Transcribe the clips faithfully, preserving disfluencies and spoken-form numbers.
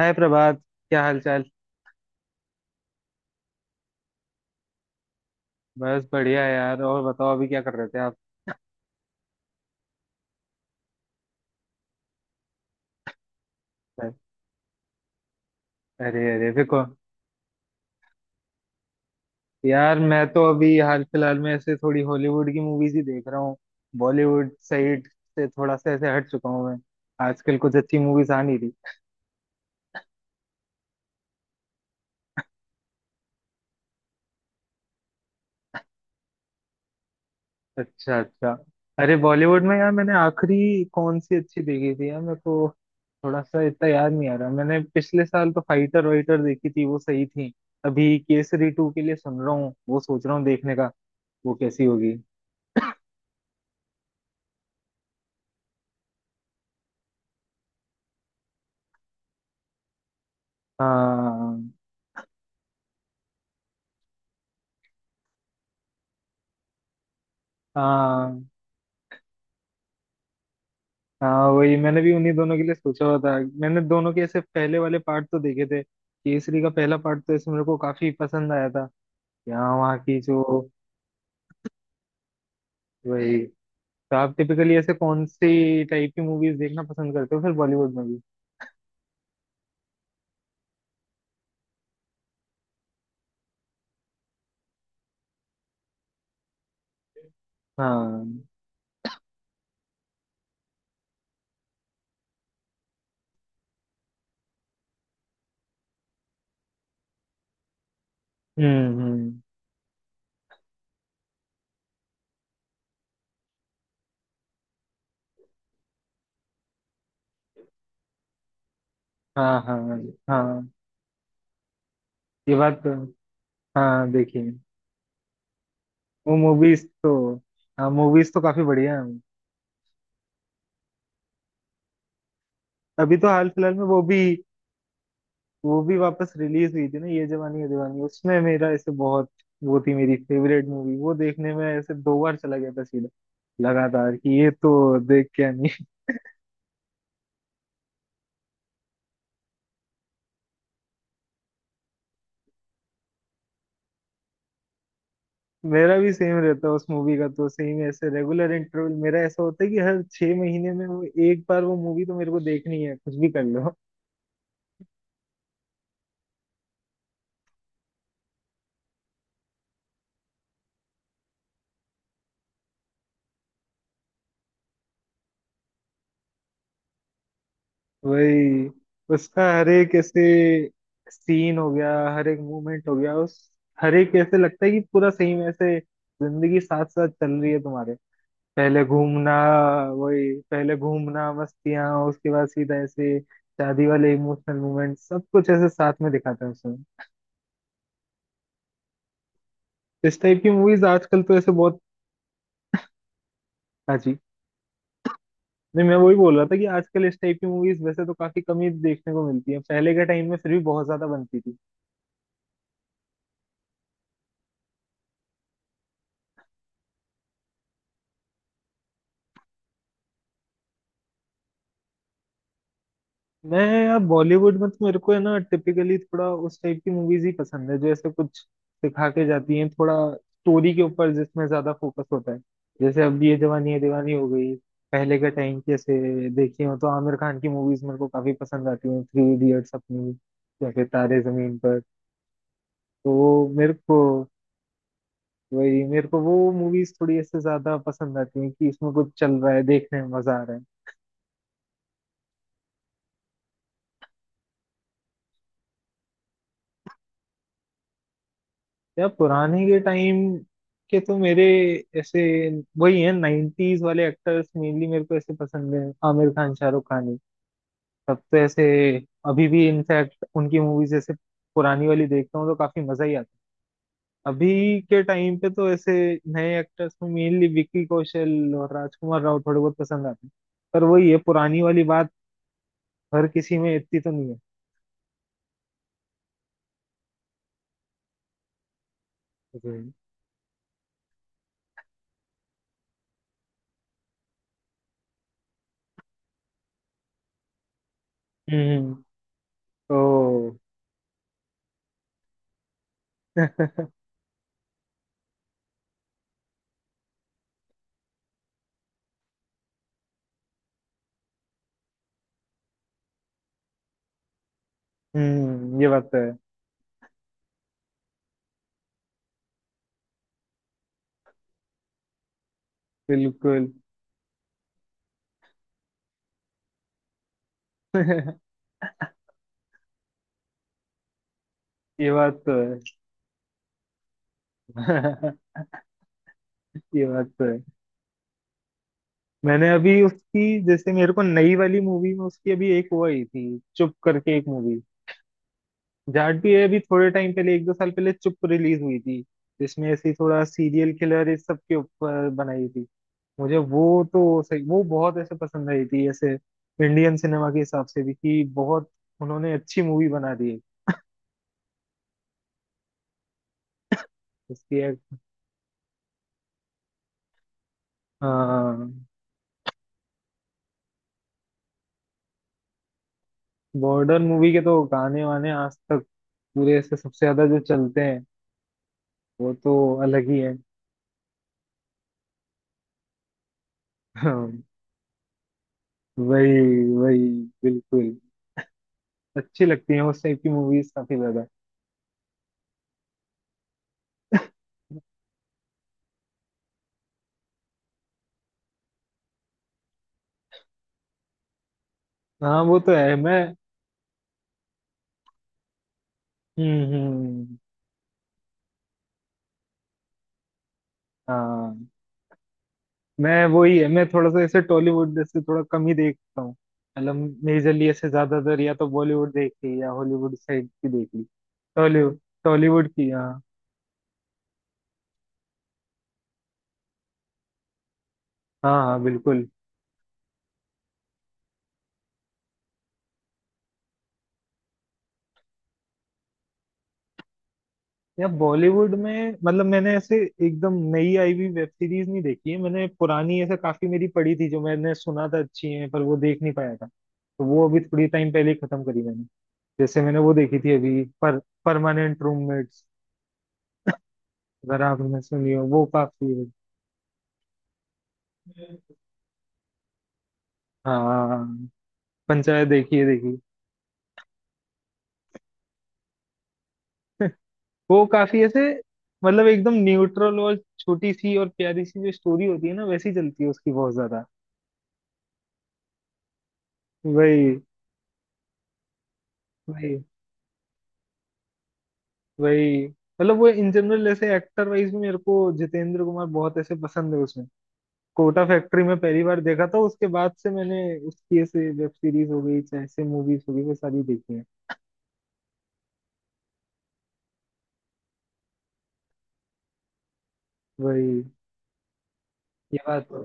हाय प्रभात। क्या हाल चाल। बस बढ़िया यार। और बताओ अभी क्या कर रहे थे आप। अरे अरे देखो। यार मैं तो अभी हाल फिलहाल में ऐसे थोड़ी हॉलीवुड की मूवीज ही देख रहा हूँ। बॉलीवुड साइड से थोड़ा सा ऐसे हट चुका हूँ मैं। आजकल कुछ अच्छी मूवीज आ नहीं रही। अच्छा अच्छा। अरे बॉलीवुड में यार मैंने आखिरी कौन सी अच्छी देखी थी यार, मेरे को थोड़ा सा इतना याद नहीं आ रहा। मैंने पिछले साल तो फाइटर वाइटर देखी थी, वो सही थी। अभी केसरी टू के लिए सुन रहा हूँ, वो सोच रहा हूँ देखने का। वो कैसी होगी। हाँ, हाँ, हाँ। वही मैंने भी उन्हीं दोनों के लिए सोचा हुआ था। मैंने दोनों के ऐसे पहले वाले पार्ट तो देखे थे। केसरी का पहला पार्ट तो ऐसे मेरे को काफी पसंद आया था। यहाँ वहाँ की जो वही। तो आप टिपिकली ऐसे कौन सी टाइप की मूवीज देखना पसंद करते हो फिर बॉलीवुड में भी। हाँ। हम्म, हम्म। हाँ, हाँ, हाँ। ये बात तो हाँ, देखिए। वो मूवीज तो, हाँ, मूवीज तो काफी बढ़िया है। अभी तो हाल फिलहाल में वो भी वो भी वापस रिलीज हुई थी ना ये जवानी है दीवानी। उसमें मेरा ऐसे बहुत, वो थी मेरी फेवरेट मूवी। वो देखने में ऐसे दो बार चला गया था सीधा लगातार कि ये तो देख के आनी है। मेरा भी सेम रहता है। उस मूवी का तो सेम ऐसे रेगुलर इंटरवल मेरा ऐसा होता है कि हर छह महीने में वो एक बार वो मूवी तो मेरे को देखनी है, कुछ भी कर लो। वही, उसका हर एक ऐसे सीन हो गया, हर एक मूवमेंट हो गया उस, हर एक ऐसे लगता है कि पूरा सेम ऐसे जिंदगी साथ साथ चल रही है तुम्हारे पहले घूमना, वही पहले घूमना मस्तियाँ, उसके बाद सीधा ऐसे शादी वाले इमोशनल मोमेंट सब कुछ ऐसे साथ में दिखाता है उसमें। इस टाइप की मूवीज आजकल तो ऐसे बहुत। हाँ जी। नहीं, मैं वही बोल रहा था कि आजकल इस टाइप की मूवीज वैसे तो काफी कम ही देखने को मिलती है। पहले के टाइम में फिर भी बहुत ज्यादा बनती थी। मैं यार बॉलीवुड में तो मेरे को है ना टिपिकली थोड़ा उस टाइप की मूवीज ही पसंद है जो ऐसे कुछ सिखा के जाती हैं, थोड़ा स्टोरी के ऊपर जिसमें ज्यादा फोकस होता है। जैसे अब ये जवानी है दीवानी हो गई, पहले के टाइम की ऐसे देखी हो तो आमिर खान की मूवीज मेरे को काफी पसंद आती हैं, थ्री इडियट्स अपनी, या फिर तारे जमीन पर। तो वो मेरे को, वही मेरे को वो मूवीज थोड़ी ऐसे ज्यादा पसंद आती हैं कि इसमें कुछ चल रहा है, देखने में मजा आ रहा है। यार पुराने के टाइम के तो मेरे ऐसे वही है नाइन्टीज वाले एक्टर्स मेनली मेरे को ऐसे पसंद है। आमिर खान, शाहरुख खान ही तब तो ऐसे। अभी भी इनफैक्ट उनकी मूवीज ऐसे पुरानी वाली देखता हूँ तो काफी मजा ही आता है। अभी के टाइम पे तो ऐसे नए एक्टर्स में मेनली विक्की कौशल और राजकुमार राव थोड़े बहुत पसंद आते हैं। पर वही है पुरानी वाली बात, हर किसी में इतनी तो नहीं है। हम्म। हम्म, ओ हम्म, ये बात तो है। बिल्कुल। ये बात तो है। ये बात तो है। मैंने अभी उसकी जैसे मेरे को नई वाली मूवी में उसकी अभी एक वो आई थी चुप करके, एक मूवी जाट भी है। अभी थोड़े टाइम पहले एक दो साल पहले चुप रिलीज हुई थी, जिसमें ऐसी थोड़ा सीरियल किलर इस सब के ऊपर बनाई थी। मुझे वो तो सही, वो बहुत ऐसे पसंद आई थी ऐसे इंडियन सिनेमा के हिसाब से भी कि बहुत उन्होंने अच्छी मूवी बना दी है। उसकी एक, हाँ। बॉर्डर मूवी के तो गाने वाने आज तक पूरे से सबसे ज्यादा जो चलते हैं, वो तो अलग ही है। हाँ, वही, वही। बिल्कुल। अच्छी लगती है उस टाइप की मूवीज काफी ज्यादा। हाँ वो तो है मैं। हम्म, हम्म। हाँ। मैं वही है, मैं थोड़ा सा ऐसे टॉलीवुड जैसे थोड़ा कम ही देखता हूँ मतलब। मेजरली ऐसे ज्यादातर या तो बॉलीवुड देख ली या हॉलीवुड साइड की देख ली। टॉलीवुड, टॉलीवुड की हाँ। हाँ, हाँ, बिल्कुल। या बॉलीवुड में मतलब मैंने ऐसे एकदम नई आई हुई वेब सीरीज नहीं देखी है। मैंने पुरानी ऐसे काफी मेरी पड़ी थी जो मैंने सुना था अच्छी है, पर वो देख नहीं पाया था। तो वो अभी थोड़ी टाइम पहले ही खत्म करी मैंने। जैसे मैंने वो देखी थी अभी, पर परमानेंट रूममेट्स, अगर आपने सुनी हो वो काफी। हाँ, पंचायत देखी है, देखी। वो काफी ऐसे, मतलब एकदम न्यूट्रल और छोटी सी और प्यारी सी जो स्टोरी होती है ना, वैसी चलती है उसकी बहुत ज्यादा। वही, वही, वही। मतलब वो इन जनरल ऐसे एक्टर वाइज भी मेरे को जितेंद्र कुमार बहुत ऐसे पसंद है। उसमें कोटा फैक्ट्री में पहली बार देखा था, उसके बाद से मैंने उसकी ऐसे वेब सीरीज हो गई चाहे ऐसे मूवीज हो गई वो सारी देखी है। वही, ये बात तो-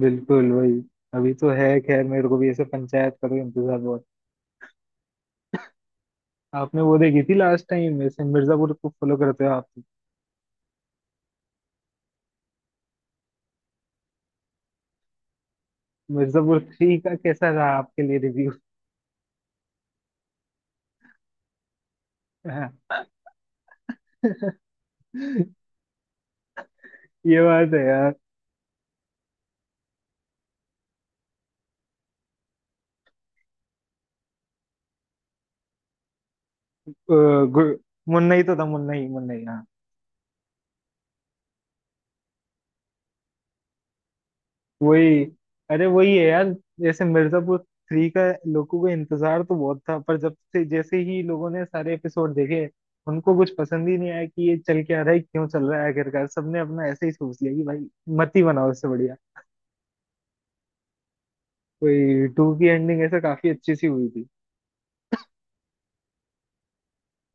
बिल्कुल वही। अभी तो है खैर, मेरे को भी ऐसे पंचायत का तो इंतजार बहुत। आपने वो देखी थी लास्ट टाइम? वैसे मिर्जापुर को फॉलो करते हो आप तो। मिर्जापुर थ्री का कैसा रहा आपके लिए रिव्यू? हाँ। ये बात है यार। अ, गु- मुन्ना ही तो था, मुन्ना ही, मुन्ना ही। वही, अरे वही है यार। जैसे मिर्जापुर थ्री का लोगों को इंतजार तो बहुत था, पर जब से जैसे ही लोगों ने सारे एपिसोड देखे, उनको कुछ पसंद ही नहीं आया कि ये चल क्या रहा है, क्यों चल रहा है। आखिरकार सबने अपना ऐसे ही सोच लिया कि भाई, मत ही बनाओ, इससे बढ़िया। कोई टू की एंडिंग ऐसे काफी अच्छी सी हुई थी।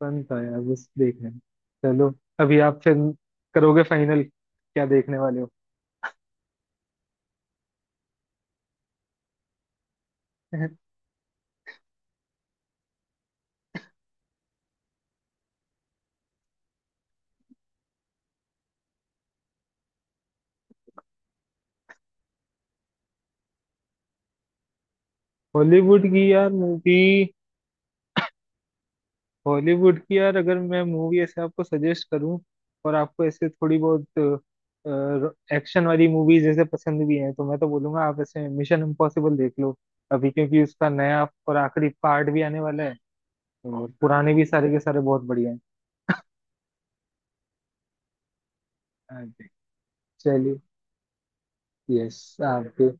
फन था यार बस देखने में। चलो, अभी आप फिर करोगे फाइनल, क्या देखने वाले हो? हॉलीवुड की यार मूवी। हॉलीवुड की यार अगर मैं मूवी ऐसे आपको सजेस्ट करूं और आपको ऐसे थोड़ी बहुत एक्शन वाली मूवीज जैसे पसंद भी हैं तो मैं तो बोलूंगा आप ऐसे मिशन इम्पॉसिबल देख लो अभी, क्योंकि उसका नया और आखिरी पार्ट भी आने वाला है। और पुराने भी सारे के सारे बहुत बढ़िया हैं। हाँ जी। चलिए। यस। आपके।